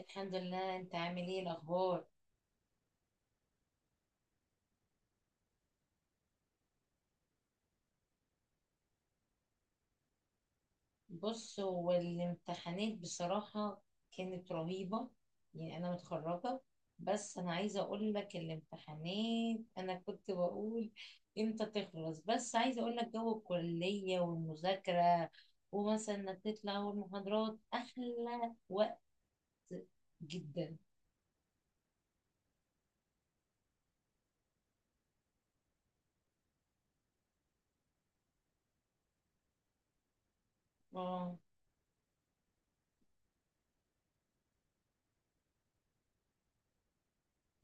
الحمد لله. انت عامل ايه الاخبار؟ بص، هو الامتحانات بصراحة كانت رهيبة. يعني انا متخرجة، بس انا عايزة اقول لك الامتحانات انا كنت بقول امتى تخلص. بس عايزة اقول لك جو الكلية والمذاكرة، ومثلا انك تطلع، والمحاضرات احلى وقت جدا. اه،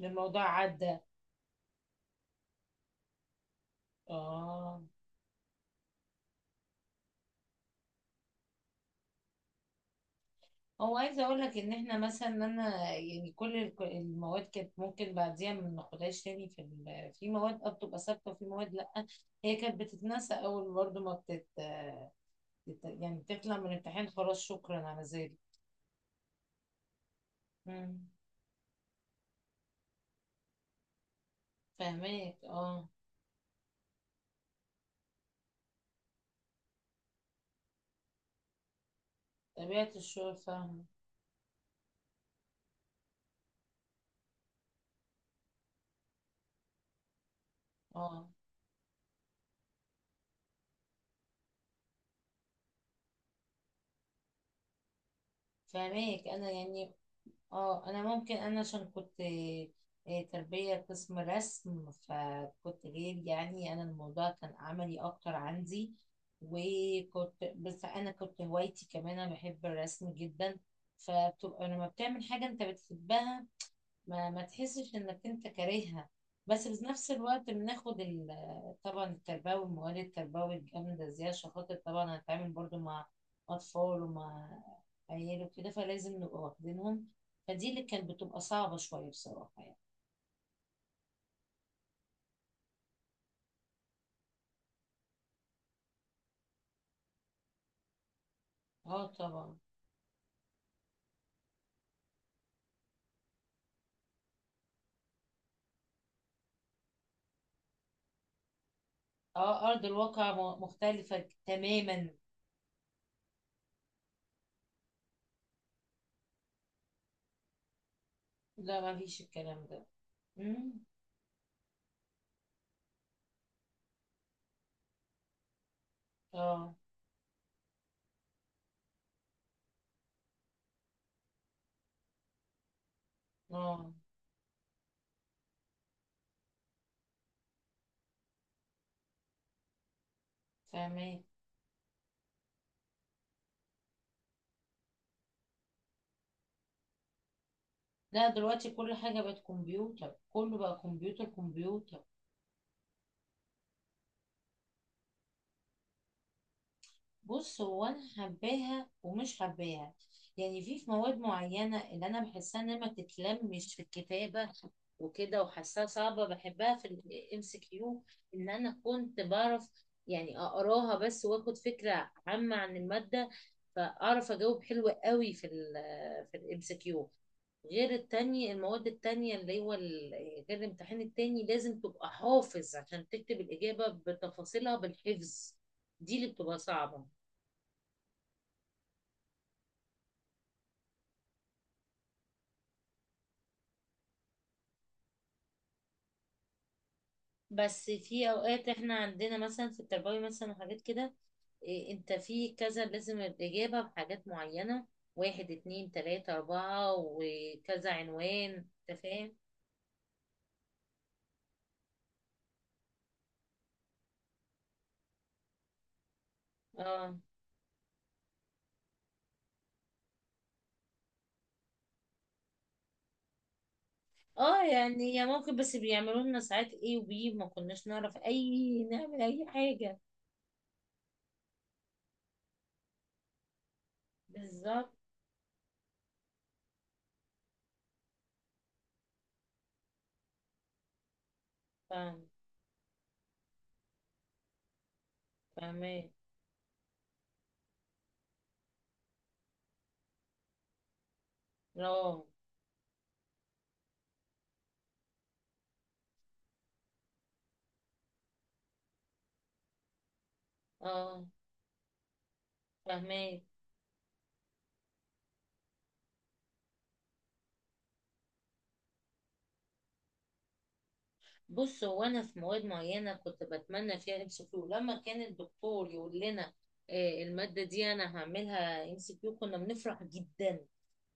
الموضوع عدى. اه هو عايزه اقول لك ان احنا مثلا انا يعني كل المواد كانت ممكن بعديها ما ناخدهاش تاني. في في مواد بتبقى ثابته، وفي مواد لا. هي كانت بتتنسى اول برضه ما بتت بت- يعني بتطلع من الامتحان، خلاص، شكرا على ذلك. امم. فاهماك، اه. طبيعه الشغل فاهمه. اه، فاهماك انا يعني. اه، انا ممكن انا عشان كنت تربية قسم رسم، فكنت غير، يعني انا الموضوع كان عملي اكتر عندي. وكنت، بس انا كنت هوايتي كمان، انا بحب الرسم جدا. فبتبقى لما بتعمل حاجة انت بتحبها ما تحسش انك انت كارهها. بس في نفس الوقت بناخد طبعا التربوي، المواد التربوي الجامدة، زي عشان خاطر طبعا هنتعامل برضو مع أطفال ومع عيال وكده، فلازم نبقى واخدينهم. فدي اللي كانت بتبقى صعبة شوية بصراحة يعني. اه، طبعا. اه، أرض الواقع مختلفة تماما. لا، ما فيش الكلام ده. امم. اه، اه، فاهمين. لا، دلوقتي كل حاجة بقت كمبيوتر، كله بقى كمبيوتر كمبيوتر. بص، هو انا حباها ومش حباها. يعني في مواد معينه اللي انا بحسها انها ما تتلمش في الكتابه وكده، وحاساها صعبه، بحبها في الMCQ. ان انا كنت بعرف يعني اقراها بس، واخد فكره عامه عن الماده، فاعرف اجاوب حلو قوي في الMCQ. غير التانية، المواد التانية، اللي هو غير الامتحان التاني لازم تبقى حافظ عشان تكتب الإجابة بتفاصيلها بالحفظ. دي اللي بتبقى صعبة. بس في اوقات احنا عندنا مثلا في التربوي مثلا وحاجات كده. إيه، انت في كذا لازم الاجابه بحاجات معينه: واحد، اتنين، تلاته، اربعه، وكذا عنوان، انت فاهم. اه، اه، يعني يا ممكن، بس بيعملوا لنا ساعات ايه، ما كناش نعرف اي نعمل اي حاجه. بالظبط. فاهم. فاهمين، اه، اه، فاهمين. بص، هو انا في مواد معينه كنت بتمنى فيها MCQ. لما كان الدكتور يقول لنا الماده دي انا هعملها MCQ، كنا بنفرح جدا،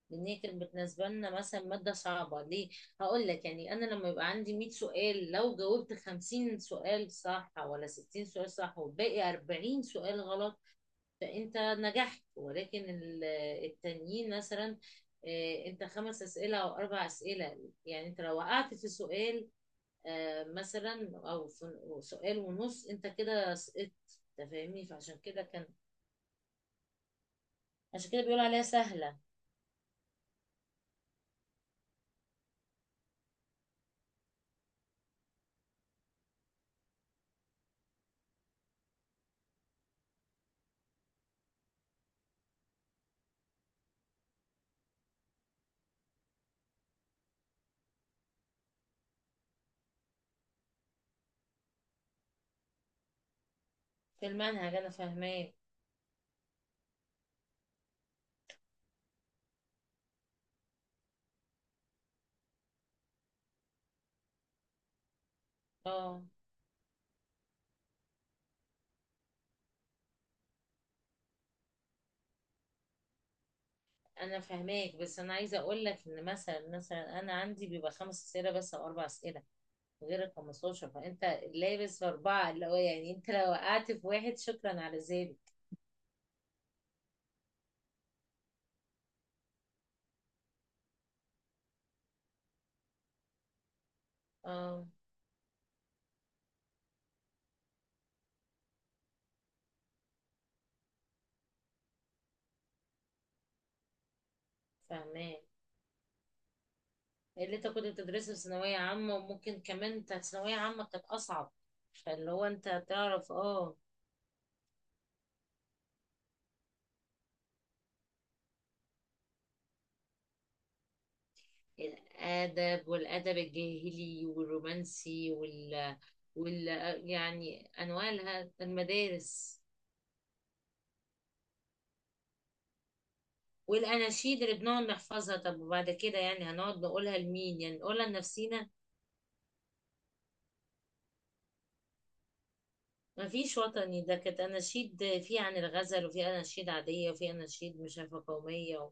لان هي كانت بالنسبه لنا مثلا ماده صعبه. ليه؟ هقول لك، يعني انا لما يبقى عندي 100 سؤال، لو جاوبت 50 سؤال صح ولا 60 سؤال صح، والباقي 40 سؤال غلط، فانت نجحت. ولكن التانيين مثلا، انت خمس اسئله او اربع اسئله، يعني انت لو وقعت في سؤال مثلا، او سؤال ونص، انت كده سقطت. أنت فاهمني؟ فعشان كده كان، عشان كده بيقولوا عليها سهله. في المنهج، انا فاهماك. اه، انا فاهماك، بس انا عايزه اقول لك ان مثلا انا عندي بيبقى خمس اسئله بس او اربع اسئله غير ال 15، فانت لابس في اربعه، اللي هو يعني انت لو وقعت في واحد، شكرا على ذلك. اه، فاهماك. اللي انت كنت بتدرسه في ثانويه عامه، وممكن كمان انت ثانويه عامه كانت اصعب. فاللي هو انت تعرف، اه، الادب، والادب الجاهلي والرومانسي وال وال يعني انواع المدارس، والاناشيد اللي بنقعد نحفظها. طب وبعد كده يعني هنقعد نقولها لمين؟ يعني نقولها لنفسينا. مفيش وطني، ده كانت اناشيد في عن الغزل، وفي اناشيد عاديه، وفي اناشيد مش عارفه قوميه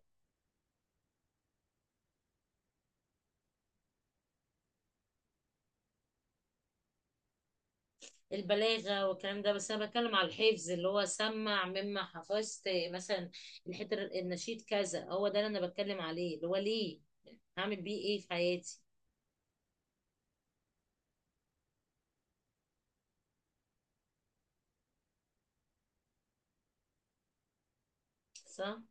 البلاغه والكلام ده. بس انا بتكلم على الحفظ اللي هو سمع مما حفظت مثلا. الحته النشيد كذا، هو ده اللي انا بتكلم عليه، اللي هو ليه؟ هعمل بيه ايه في حياتي؟ صح.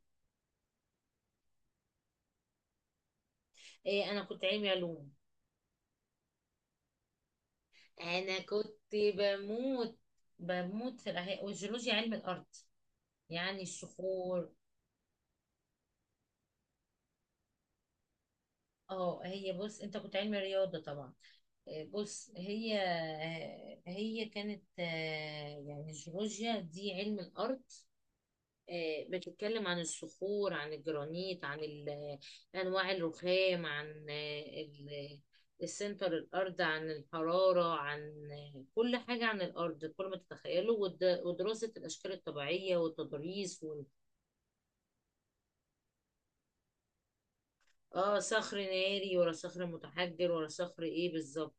إيه، انا كنت علمي علوم. انا كنت بموت بموت في الاحياء والجيولوجيا، علم الارض، يعني الصخور. اه، هي، بص، انت كنت علمي رياضه طبعا. إيه، بص، هي كانت يعني الجيولوجيا دي علم الارض. بتتكلم عن الصخور، عن الجرانيت، عن انواع الرخام، عن السنتر الارض، عن الحراره، عن كل حاجه عن الارض، كل ما تتخيله، ودراسه الاشكال الطبيعيه والتضاريس اه، صخر ناري ولا صخر متحجر ولا صخر ايه بالظبط.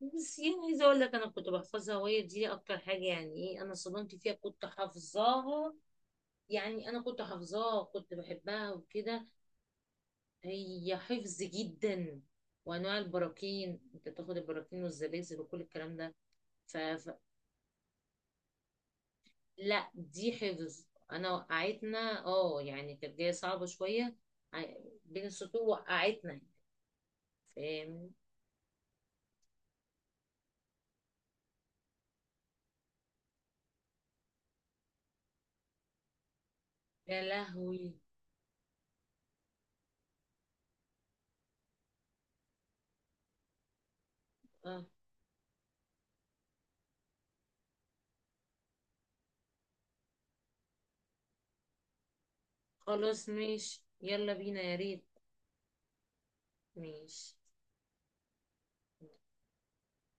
بس يعني عايزه اقول لك انا كنت بحفظها، وهي دي اكتر حاجه يعني، ايه، انا صدمت فيها كنت حافظاها. يعني انا كنت حافظاها، كنت بحبها وكده. هي حفظ جدا، وانواع البراكين، انت تاخد البراكين والزلازل وكل الكلام ده. ف... ف... لا، دي حفظ. انا وقعتنا، يعني كانت جايه صعبه شويه. ع- بين السطور وقعتنا. فاهم. يا لهوي. اه، خلاص، ماشي، يلا بينا، يا ريت. ماشي.